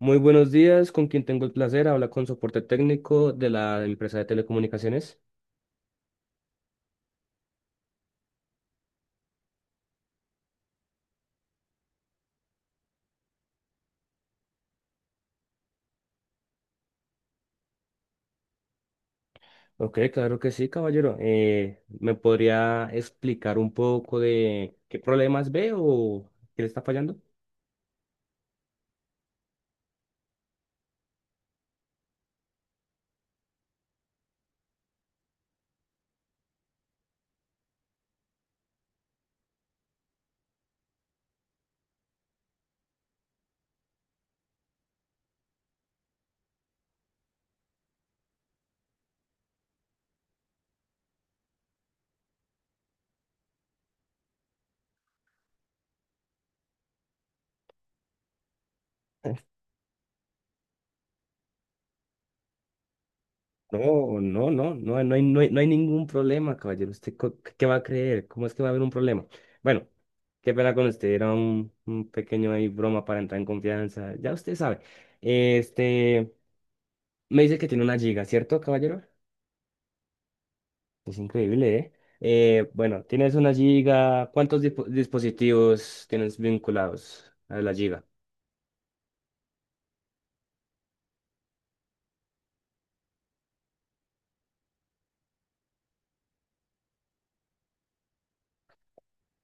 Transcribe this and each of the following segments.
Muy buenos días, con quien tengo el placer, habla con soporte técnico de la empresa de telecomunicaciones. Ok, claro que sí, caballero. ¿Me podría explicar un poco de qué problemas ve o qué le está fallando? Eh, No, no, no, no, no hay, no hay, no hay ningún problema, caballero. ¿Usted qué va a creer? ¿Cómo es que va a haber un problema? Bueno, qué pena con usted, era un pequeño ahí broma para entrar en confianza. Ya usted sabe. Este, me dice que tiene una giga, ¿cierto, caballero? Es increíble, ¿eh? Bueno, tienes una giga. ¿Cuántos dispositivos tienes vinculados a la giga?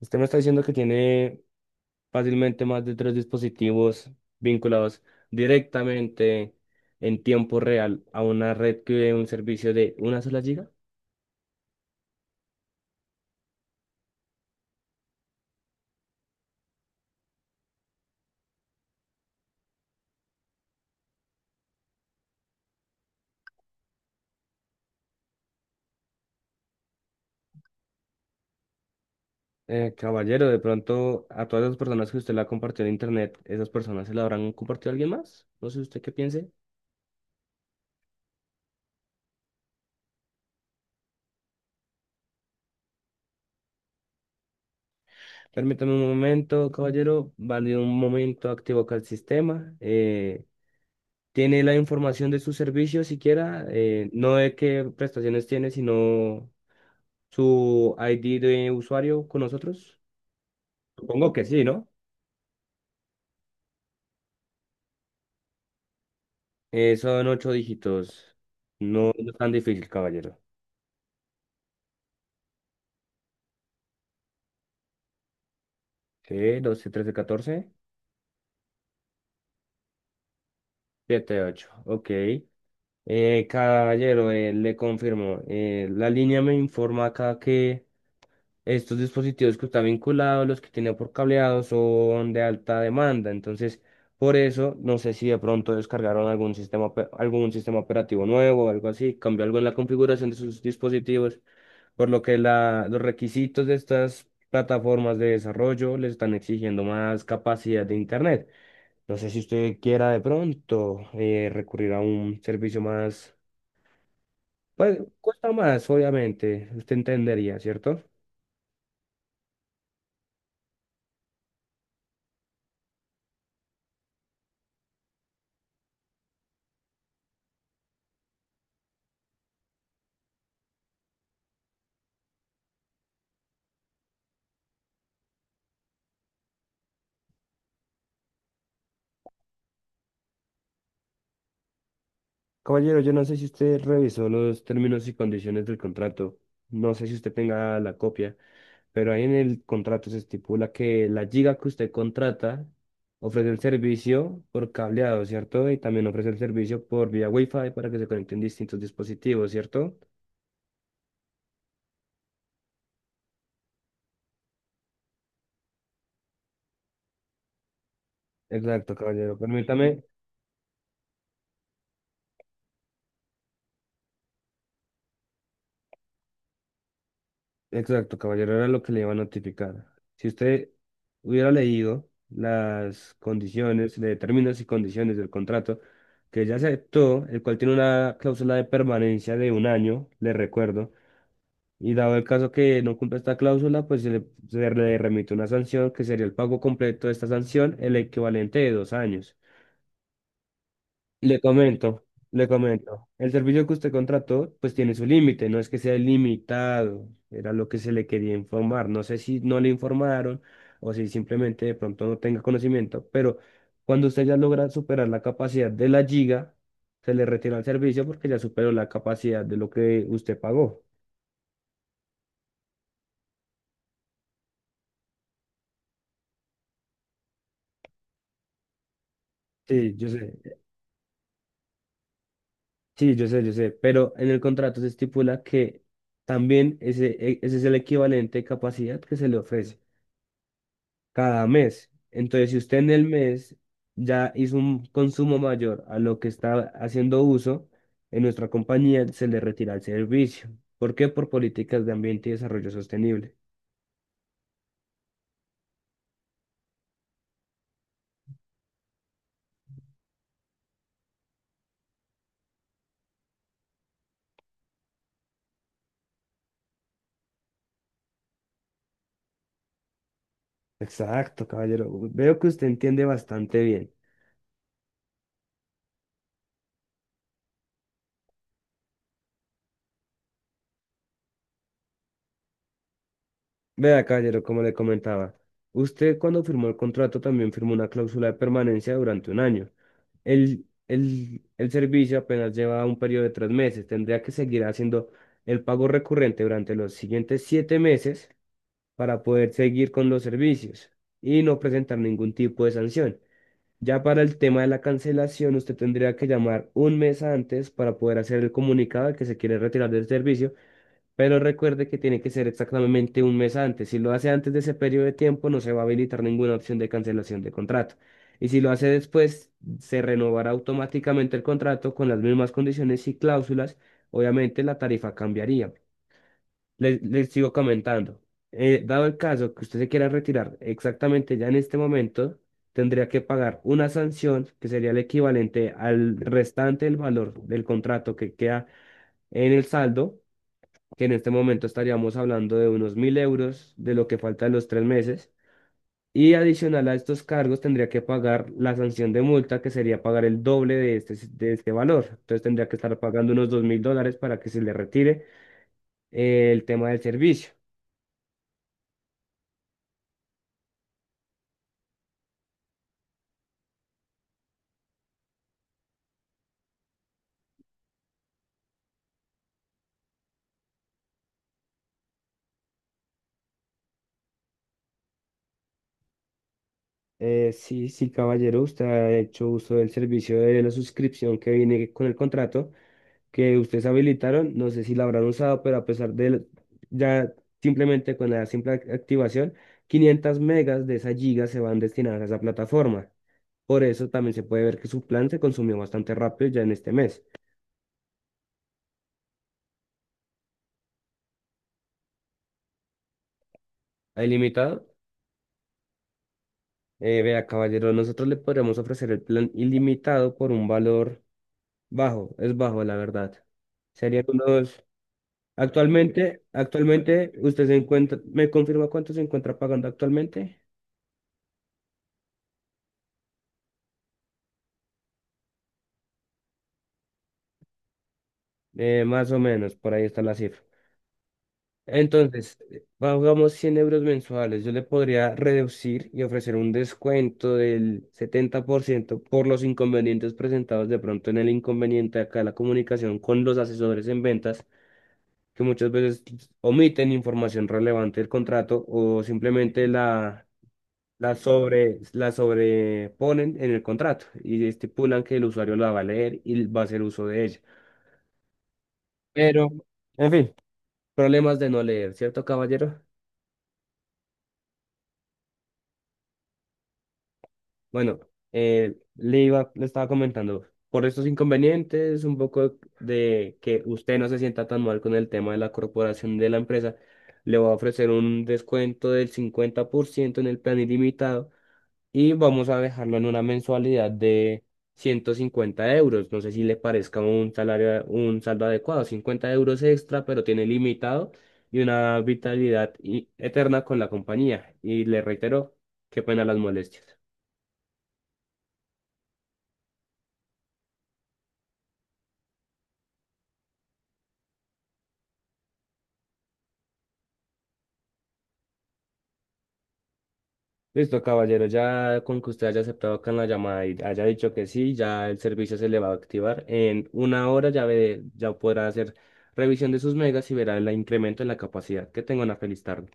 Usted me está diciendo que tiene fácilmente más de tres dispositivos vinculados directamente en tiempo real a una red que dé un servicio de una sola giga. Caballero, de pronto a todas las personas que usted la compartió en internet, ¿esas personas se la habrán compartido a alguien más? No sé usted qué piense. Permítame un momento, caballero. Vale, un momento, activo acá el sistema. ¿Tiene la información de su servicio siquiera, no de qué prestaciones tiene, sino su ID de usuario con nosotros? Supongo que sí, ¿no? Son 8 dígitos. No, no es tan difícil, caballero. Sí, 12 13 14 7 8. Ok. Caballero, le confirmo. La línea me informa acá que Estos dispositivos que están vinculados, los que tienen por cableado, son de alta demanda. Entonces, por eso, no sé si de pronto descargaron algún sistema, algún sistema operativo nuevo o algo así, cambió algo en la configuración de sus dispositivos, por lo que los requisitos de estas plataformas de desarrollo les están exigiendo más capacidad de internet. No sé si usted quiera de pronto recurrir a un servicio más, pues cuesta más, obviamente, usted entendería, ¿cierto? Caballero, yo no sé si usted revisó los términos y condiciones del contrato. No sé si usted tenga la copia, pero ahí en el contrato se estipula que la giga que usted contrata ofrece el servicio por cableado, ¿cierto? Y también ofrece el servicio por vía Wi-Fi para que se conecten distintos dispositivos, ¿cierto? Exacto, caballero. Permítame, exacto, caballero, era lo que le iba a notificar. Si usted hubiera leído las condiciones, de términos y condiciones del contrato que ya aceptó, el cual tiene una cláusula de permanencia de 1 año, le recuerdo, y dado el caso que no cumpla esta cláusula, pues se le remite una sanción que sería el pago completo de esta sanción, el equivalente de 2 años. Le comento, le comento. El servicio que usted contrató, pues tiene su límite, no es que sea limitado, era lo que se le quería informar. No sé si no le informaron o si simplemente de pronto no tenga conocimiento, pero cuando usted ya logra superar la capacidad de la giga, se le retira el servicio porque ya superó la capacidad de lo que usted pagó. Sí, yo sé, sí, yo sé, pero en el contrato se estipula que también ese es el equivalente de capacidad que se le ofrece cada mes. Entonces, si usted en el mes ya hizo un consumo mayor a lo que está haciendo uso, en nuestra compañía se le retira el servicio. ¿Por qué? Por políticas de ambiente y desarrollo sostenible. Exacto, caballero. Veo que usted entiende bastante bien. Vea, caballero, como le comentaba, usted cuando firmó el contrato también firmó una cláusula de permanencia durante 1 año. El servicio apenas lleva un periodo de 3 meses. Tendría que seguir haciendo el pago recurrente durante los siguientes 7 meses para poder seguir con los servicios y no presentar ningún tipo de sanción. Ya para el tema de la cancelación, usted tendría que llamar 1 mes antes para poder hacer el comunicado de que se quiere retirar del servicio, pero recuerde que tiene que ser exactamente 1 mes antes. Si lo hace antes de ese periodo de tiempo, no se va a habilitar ninguna opción de cancelación de contrato. Y si lo hace después, se renovará automáticamente el contrato con las mismas condiciones y cláusulas. Obviamente la tarifa cambiaría. Les sigo comentando. Dado el caso que usted se quiera retirar exactamente ya en este momento, tendría que pagar una sanción que sería el equivalente al restante del valor del contrato que queda en el saldo, que en este momento estaríamos hablando de unos 1.000 € de lo que falta de los 3 meses. Y adicional a estos cargos tendría que pagar la sanción de multa, que sería pagar el doble de este valor. Entonces tendría que estar pagando unos $2.000 para que se le retire el tema del servicio. Sí, sí, caballero, usted ha hecho uso del servicio de la suscripción que viene con el contrato que ustedes habilitaron, no sé si la habrán usado, pero a pesar de ya, simplemente con la simple activación, 500 megas de esas gigas se van destinadas a esa plataforma. Por eso también se puede ver que su plan se consumió bastante rápido ya en este mes. ¿A ilimitado? Vea, caballero, nosotros le podríamos ofrecer el plan ilimitado por un valor bajo, es bajo, la verdad. Serían unos... Actualmente, actualmente, usted se encuentra, ¿me confirma cuánto se encuentra pagando actualmente? Más o menos, por ahí está la cifra. Entonces, pagamos 100 € mensuales. Yo le podría reducir y ofrecer un descuento del 70% por los inconvenientes presentados de pronto en el inconveniente acá de la comunicación con los asesores en ventas, que muchas veces omiten información relevante del contrato o simplemente la sobreponen en el contrato y estipulan que el usuario la va a leer y va a hacer uso de ella. Pero, en fin, problemas de no leer, ¿cierto, caballero? Bueno, le estaba comentando, por estos inconvenientes, un poco de que usted no se sienta tan mal con el tema de la corporación de la empresa, le voy a ofrecer un descuento del 50% en el plan ilimitado y vamos a dejarlo en una mensualidad de 150 euros. No sé si le parezca un salario, un saldo adecuado, 50 € extra, pero tiene limitado y una vitalidad eterna con la compañía. Y le reitero, qué pena las molestias. Listo, caballero, ya con que usted haya aceptado acá en la llamada y haya dicho que sí, ya el servicio se le va a activar. En 1 hora ya ve, ya podrá hacer revisión de sus megas y verá el incremento en la capacidad. Que tenga una feliz tarde.